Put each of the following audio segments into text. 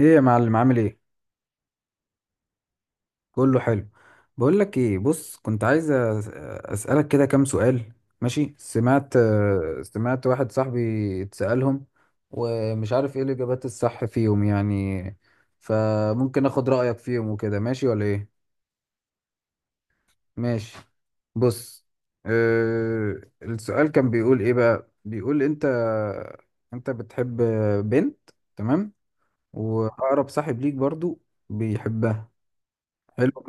ايه يا معلم عامل ايه؟ كله حلو. بقول لك ايه، بص، كنت عايز اسالك كده كام سؤال. ماشي؟ سمعت، سمعت واحد صاحبي اتسالهم ومش عارف ايه الاجابات الصح فيهم يعني، فممكن اخد رايك فيهم وكده، ماشي ولا ايه؟ ماشي، بص، السؤال كان بيقول ايه بقى، بيقول انت، انت بتحب بنت، تمام؟ واقرب صاحب ليك برضو بيحبها، حلو،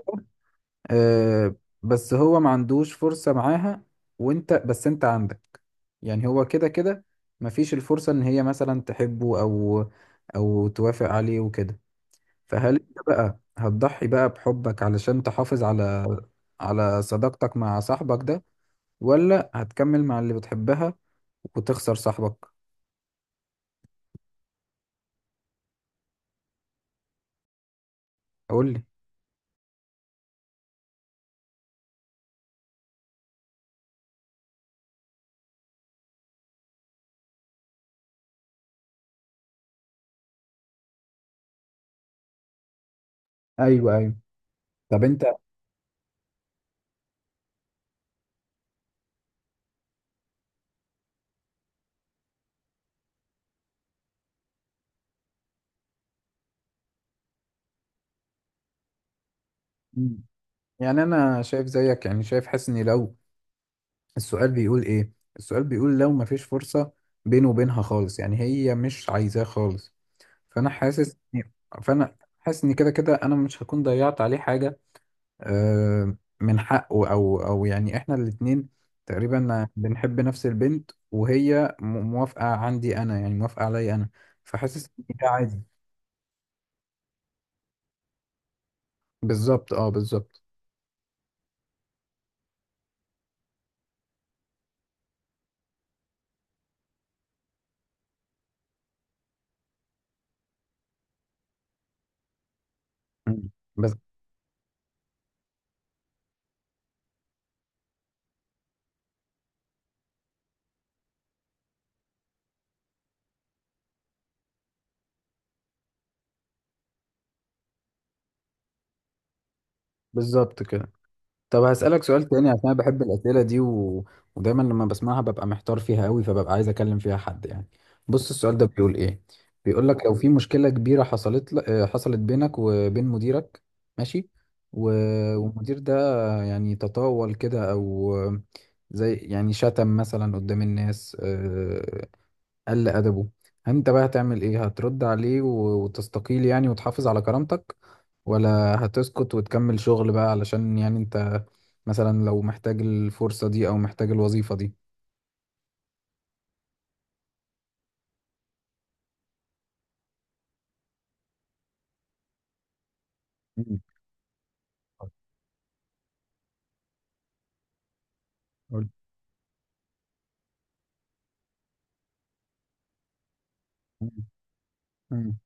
آه بس هو ما عندوش فرصة معاها، وانت بس انت عندك، يعني هو كده كده مفيش الفرصة ان هي مثلا تحبه او او توافق عليه وكده. فهل انت بقى هتضحي بقى بحبك علشان تحافظ على على صداقتك مع صاحبك ده، ولا هتكمل مع اللي بتحبها وتخسر صاحبك؟ قول لي. ايوه ايوه، طب انت. مم. يعني انا شايف زيك، يعني شايف، حاسس اني لو، السؤال بيقول ايه؟ السؤال بيقول لو مفيش فرصة بينه وبينها خالص، يعني هي مش عايزاه خالص، فانا حاسس، فانا حاسس ان كده كده انا مش هكون ضيعت عليه حاجة. من حقه او او يعني احنا الاتنين تقريبا بنحب نفس البنت، وهي موافقة، عندي انا يعني، موافقة عليا انا، فحاسس ان ده عادي. بالظبط اه بالظبط. مم. بس. بالظبط كده. طب هسألك سؤال تاني عشان أنا بحب الأسئلة دي ودايما لما بسمعها ببقى محتار فيها قوي، فببقى عايز أكلم فيها حد يعني. بص السؤال ده بيقول إيه، بيقول لك لو في مشكلة كبيرة حصلت ل... آه، حصلت بينك وبين مديرك. ماشي. و... والمدير ده يعني تطاول كده، أو زي يعني شتم مثلا قدام الناس، قل أدبه. أنت بقى هتعمل إيه؟ هترد عليه وتستقيل يعني وتحافظ على كرامتك، ولا هتسكت وتكمل شغل بقى علشان يعني أنت مثلا لو محتاج الفرصة دي أو محتاج الوظيفة دي؟ مم. قول. مم. مم.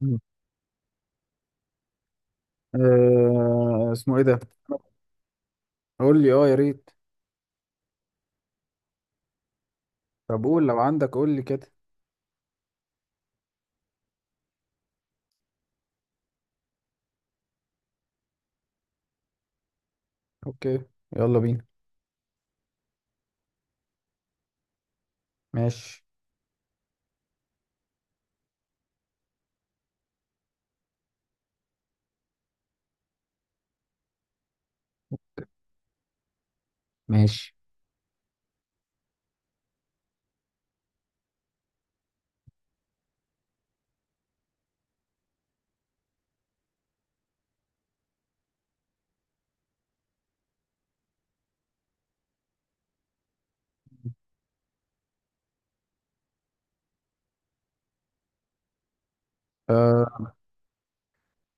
مم. أه، اسمه إيه ده؟ قول لي، أه، يا ريت. طب قول لو عندك، قول لي كده. أوكي، يلا بينا. ماشي. ماشي،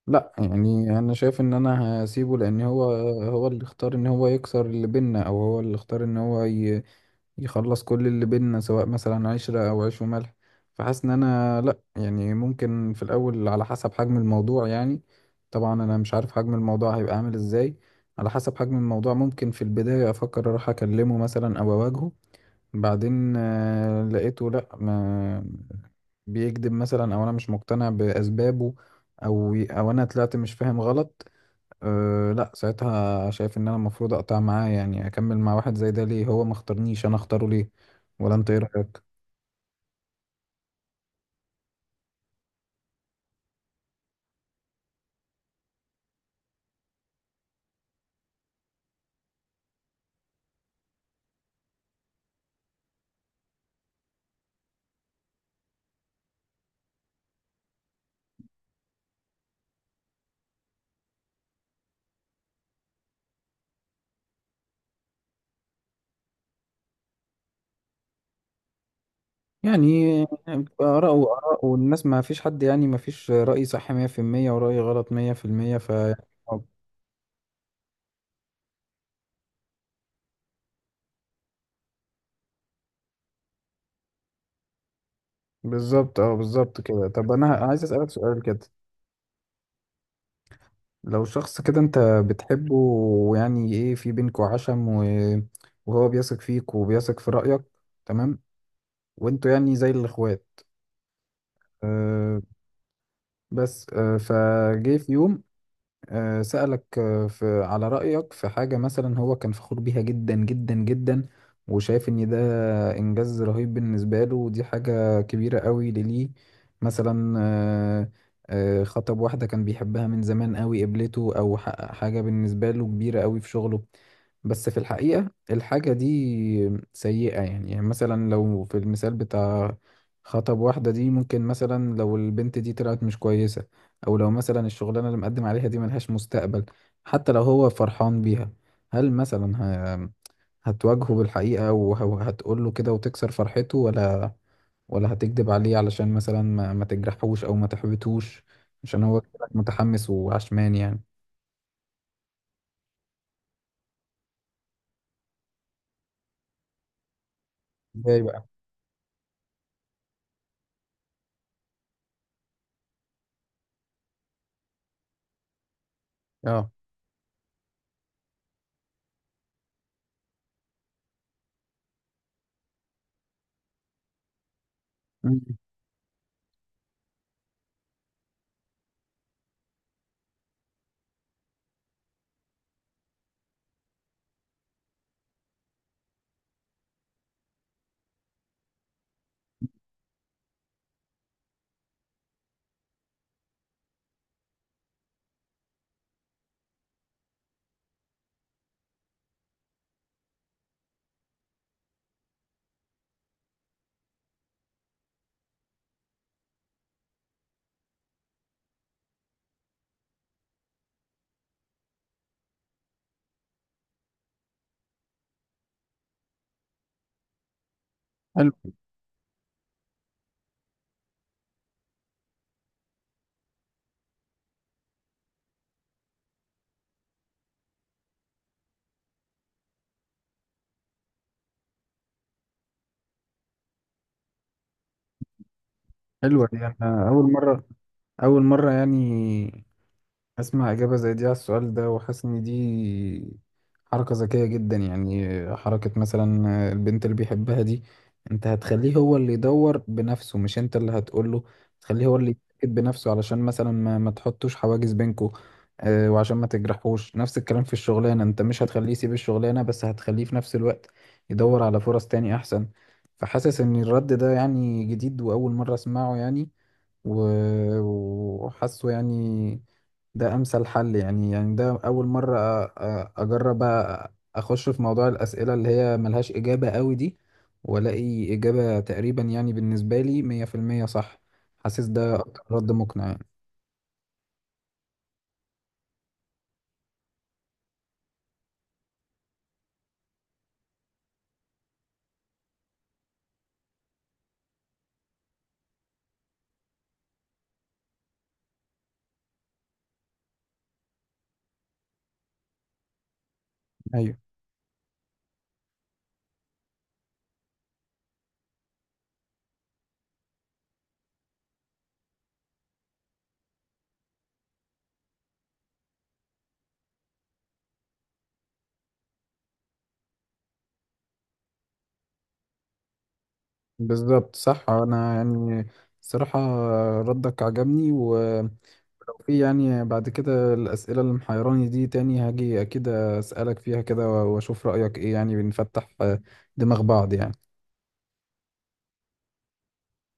لا يعني انا شايف ان انا هسيبه، لان هو، هو اللي اختار ان هو يكسر اللي بينا، او هو اللي اختار ان هو يخلص كل اللي بينا، سواء مثلا عشرة او عيش وملح. فحاسس ان انا، لا يعني ممكن في الاول على حسب حجم الموضوع يعني، طبعا انا مش عارف حجم الموضوع هيبقى عامل ازاي. على حسب حجم الموضوع، ممكن في البداية افكر اروح اكلمه مثلا او اواجهه، بعدين لقيته لا، ما بيكذب مثلا، او انا مش مقتنع باسبابه، او او انا طلعت مش فاهم غلط. أه لا، ساعتها شايف ان انا المفروض اقطع معاه، يعني اكمل مع واحد زي ده ليه؟ هو ما اختارنيش، انا اختاره ليه؟ ولا انت ايه رايك؟ يعني اراء واراء، والناس ما فيش حد، يعني ما فيش راي صح 100% وراي غلط 100% ف، بالظبط اه بالظبط كده. طب انا عايز اسالك سؤال كده. لو شخص كده انت بتحبه، ويعني ايه، في بينكوا عشم وهو بيثق فيك وبيثق في رأيك، تمام؟ وانتوا يعني زي الاخوات، أه، بس أه فجه في يوم، سألك، في على رأيك في حاجة مثلا هو كان فخور بيها جدا جدا جدا، وشايف إن ده إنجاز رهيب بالنسبة له، ودي حاجة كبيرة قوي ليه، مثلا خطب واحدة كان بيحبها من زمان قوي قبلته، أو حقق حاجة بالنسبة له كبيرة قوي في شغله، بس في الحقيقة الحاجة دي سيئة. يعني يعني مثلا لو في المثال بتاع خطب واحدة دي، ممكن مثلا لو البنت دي طلعت مش كويسة، او لو مثلا الشغلانه اللي مقدم عليها دي ملهاش مستقبل، حتى لو هو فرحان بيها، هل مثلا ه... هتواجهه بالحقيقه وهتقول له كده وتكسر فرحته، ولا، ولا هتكذب عليه علشان مثلا ما تجرحوش او ما تحبطوش، عشان هو كده متحمس وعشمان يعني؟ ازاي بقى؟ اه. مم. حلو. حلوة دي، أنا أول مرة، أول مرة يعني اسمع اجابه زي دي على السؤال ده، وحاسس ان دي حركه ذكيه جدا، يعني حركه مثلا البنت اللي بيحبها دي، انت هتخليه هو اللي يدور بنفسه، مش انت اللي هتقوله، تخليه هو اللي يتأكد بنفسه، علشان مثلا ما تحطوش حواجز بينكو، وعشان ما تجرحوش. نفس الكلام في الشغلانه، انت مش هتخليه يسيب الشغلانه، بس هتخليه في نفس الوقت يدور على فرص تاني احسن. فحاسس ان الرد ده يعني جديد، واول مره اسمعه يعني، و- وحاسه يعني ده امثل حل يعني. يعني ده اول مره اجرب اخش في موضوع الاسئله اللي هي ملهاش اجابه قوي دي، والاقي اجابه تقريبا يعني بالنسبه لي 100% صح. حاسس ده اكتر رد مقنع يعني. ايوه بالظبط صح. انا يعني الصراحه ردك عجبني، ولو في يعني بعد كده الاسئله اللي محيراني دي تاني هاجي اكيد اسالك فيها كده واشوف رايك ايه، يعني بنفتح دماغ بعض يعني.